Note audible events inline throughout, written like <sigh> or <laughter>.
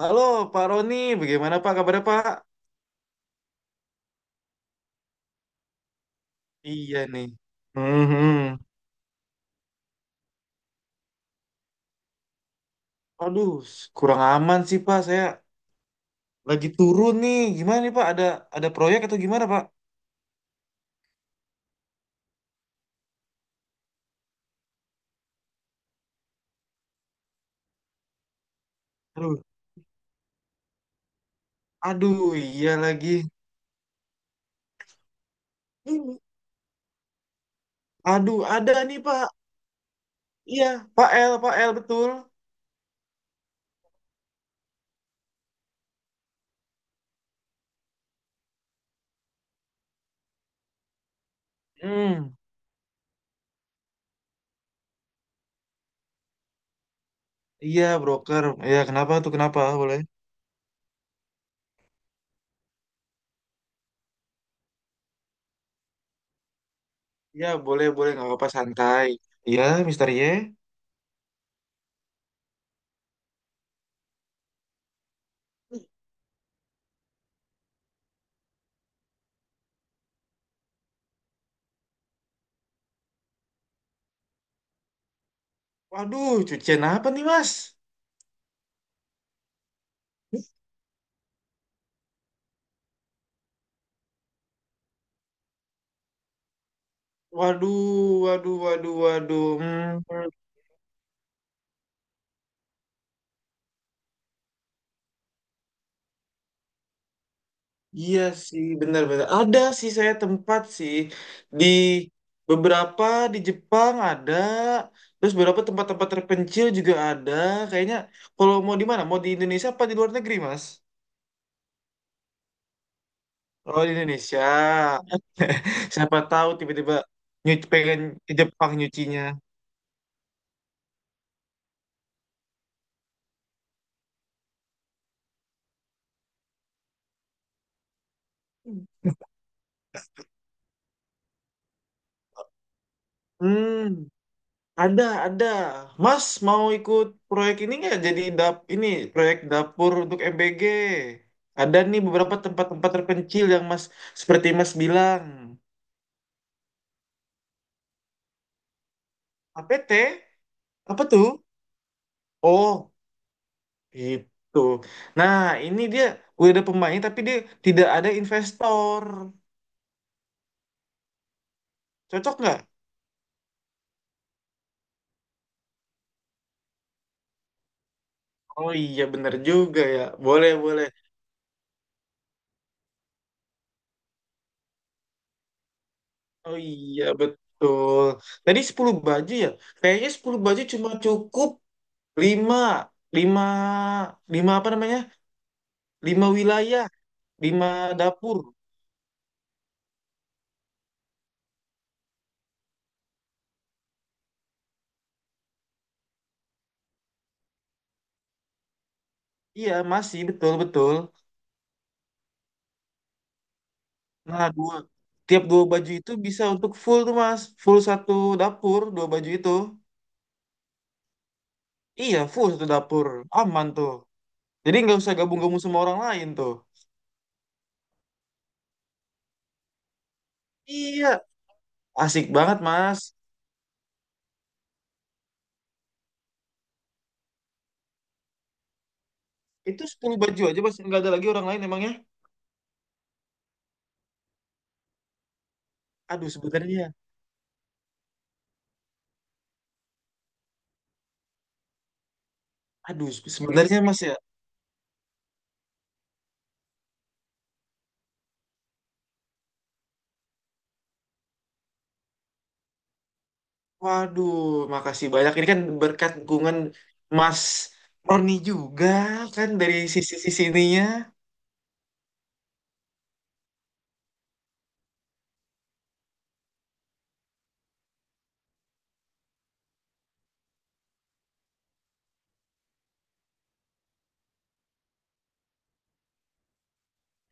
Halo Pak Roni, bagaimana Pak kabarnya Pak? Iya nih. Mhm. Aduh, kurang aman sih Pak. Saya lagi turun nih. Gimana nih Pak? Ada proyek atau gimana Pak? Aduh, aduh, iya lagi. Hmm. Aduh, ada nih Pak. Iya, Pak L, Pak L betul. Hmm, iya broker. Iya kenapa tuh kenapa? Boleh? Iya boleh boleh nggak apa-apa santai. Iya, Mister Y. Waduh, cucian apa nih Mas? Waduh, waduh, waduh, waduh. Hmm. Iya sih, benar-benar. Ada sih saya tempat sih di beberapa di Jepang ada, terus beberapa tempat-tempat terpencil juga ada. Kayaknya kalau mau di mana? Mau di Indonesia apa di luar negeri, Mas? Oh, di Indonesia. <laughs> Siapa tahu tiba-tiba pengen ke Jepang nyucinya. Hmm. Ada, ada. Mas mau ikut proyek ini nggak? Jadi ini proyek dapur untuk MBG. Ada nih beberapa tempat-tempat terpencil yang Mas seperti Mas bilang. APT? Apa tuh? Oh, itu. Nah, ini dia udah ada pemain tapi dia tidak ada investor. Cocok nggak? Oh, iya bener juga ya. Boleh, boleh. Oh, iya betul. Tadi 10 baju ya. Kayaknya 10 baju cuma cukup lima lima lima apa namanya lima wilayah lima dapur. Iya masih betul betul. Nah, tiap dua baju itu bisa untuk full tuh mas, full satu dapur, dua baju itu. Iya full satu dapur, aman tuh. Jadi nggak usah gabung-gabung sama orang lain tuh. Iya asik banget mas. Itu sepuluh baju aja mas, nggak ada lagi orang lain emangnya. Aduh sebenarnya aduh sebenarnya mas ya. Waduh, makasih banyak. Ini kan berkat dukungan Mas Roni juga kan dari sisi-sisi ininya.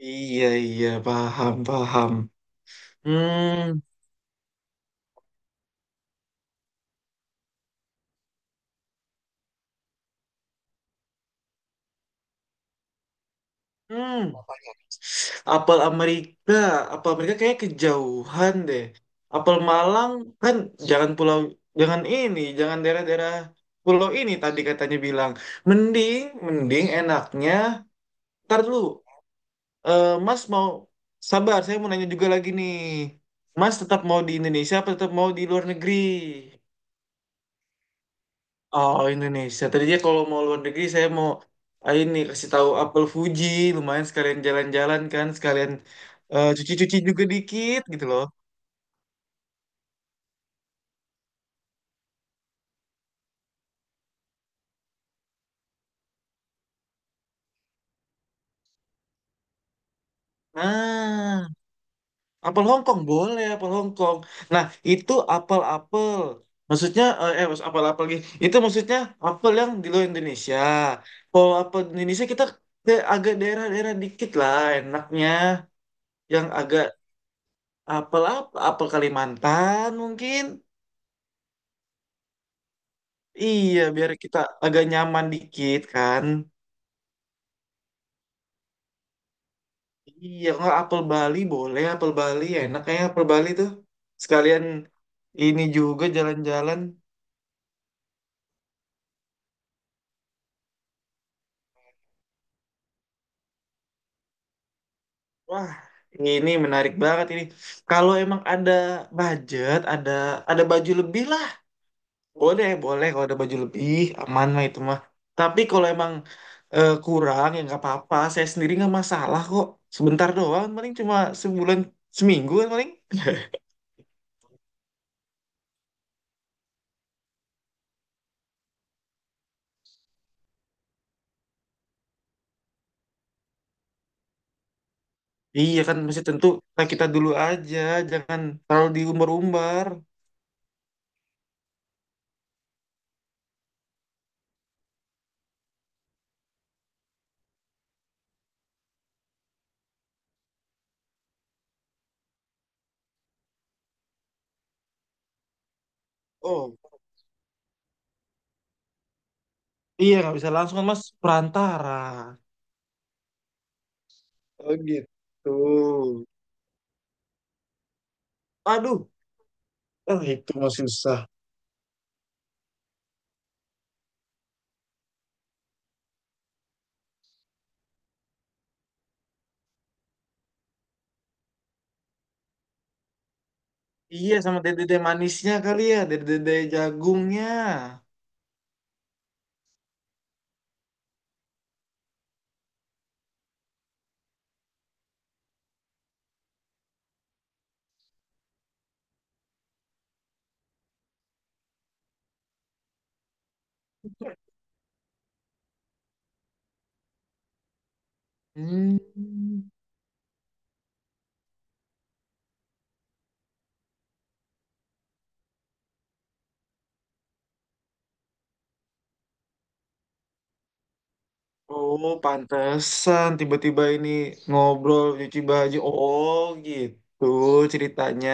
Iya, iya, paham, paham. Hmm, hmm. Apa? Apel Amerika, apel Amerika kayaknya kejauhan deh. Apel Malang kan jangan pulau, jangan ini, jangan daerah-daerah pulau ini tadi katanya bilang. Mending, mending enaknya, ntar dulu. Eh, Mas mau sabar, saya mau nanya juga lagi nih. Mas tetap mau di Indonesia apa tetap mau di luar negeri? Oh, Indonesia. Tadinya kalau mau luar negeri saya mau ah, ini kasih tahu apel Fuji, lumayan sekalian jalan-jalan kan, sekalian eh, cuci-cuci juga dikit gitu loh. Nah, apel Hongkong boleh, apel Hongkong. Nah, itu apel-apel. Maksudnya apel-apel lagi. Itu maksudnya apel yang di luar Indonesia. Kalau apel di Indonesia kita ke agak daerah-daerah dikit lah enaknya, yang agak apel apa apel Kalimantan mungkin. Iya, biar kita agak nyaman dikit kan. Iya, nggak apel Bali boleh, apel Bali enak kayak apel Bali tuh. Sekalian ini juga jalan-jalan. Wah, ini menarik banget ini. Kalau emang ada budget, ada baju lebih lah. Boleh, boleh kalau ada baju lebih, aman lah itu mah. Tapi kalau emang eh, kurang ya nggak apa-apa. Saya sendiri nggak masalah kok. Sebentar doang, paling cuma sebulan, seminggu kan paling. Iya kan masih tentu, nah, kita dulu aja, jangan terlalu diumbar-umbar. Oh, iya nggak bisa langsung kan, Mas perantara. Oh gitu. Aduh. Oh itu masih susah. Iya sama dede-dede manisnya kali ya, dede-dede jagungnya. Hmm. Oh, pantesan tiba-tiba ini ngobrol cuci baju. Oh, gitu ceritanya.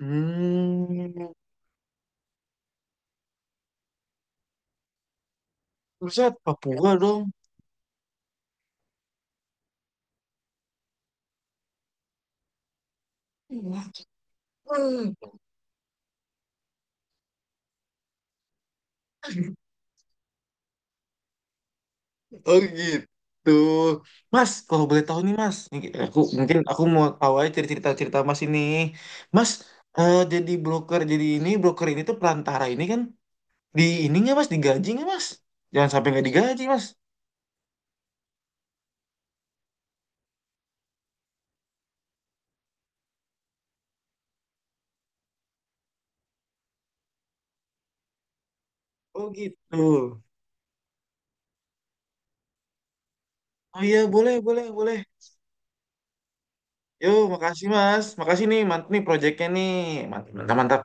Hmm. Terusnya Papua dong. Oh, gitu. Mas, kalau boleh tahu nih, Mas. Nih, aku mungkin aku mau tahu aja cerita-cerita Mas ini. Mas, eh, jadi broker jadi ini, broker ini tuh perantara ini kan. Di ininya mas, digaji nggak mas? Jangan sampai nggak digaji mas. Oh gitu. Oh, iya boleh boleh boleh. Yo makasih mas, makasih nih mantap nih proyeknya nih mantap mantap. Mantap.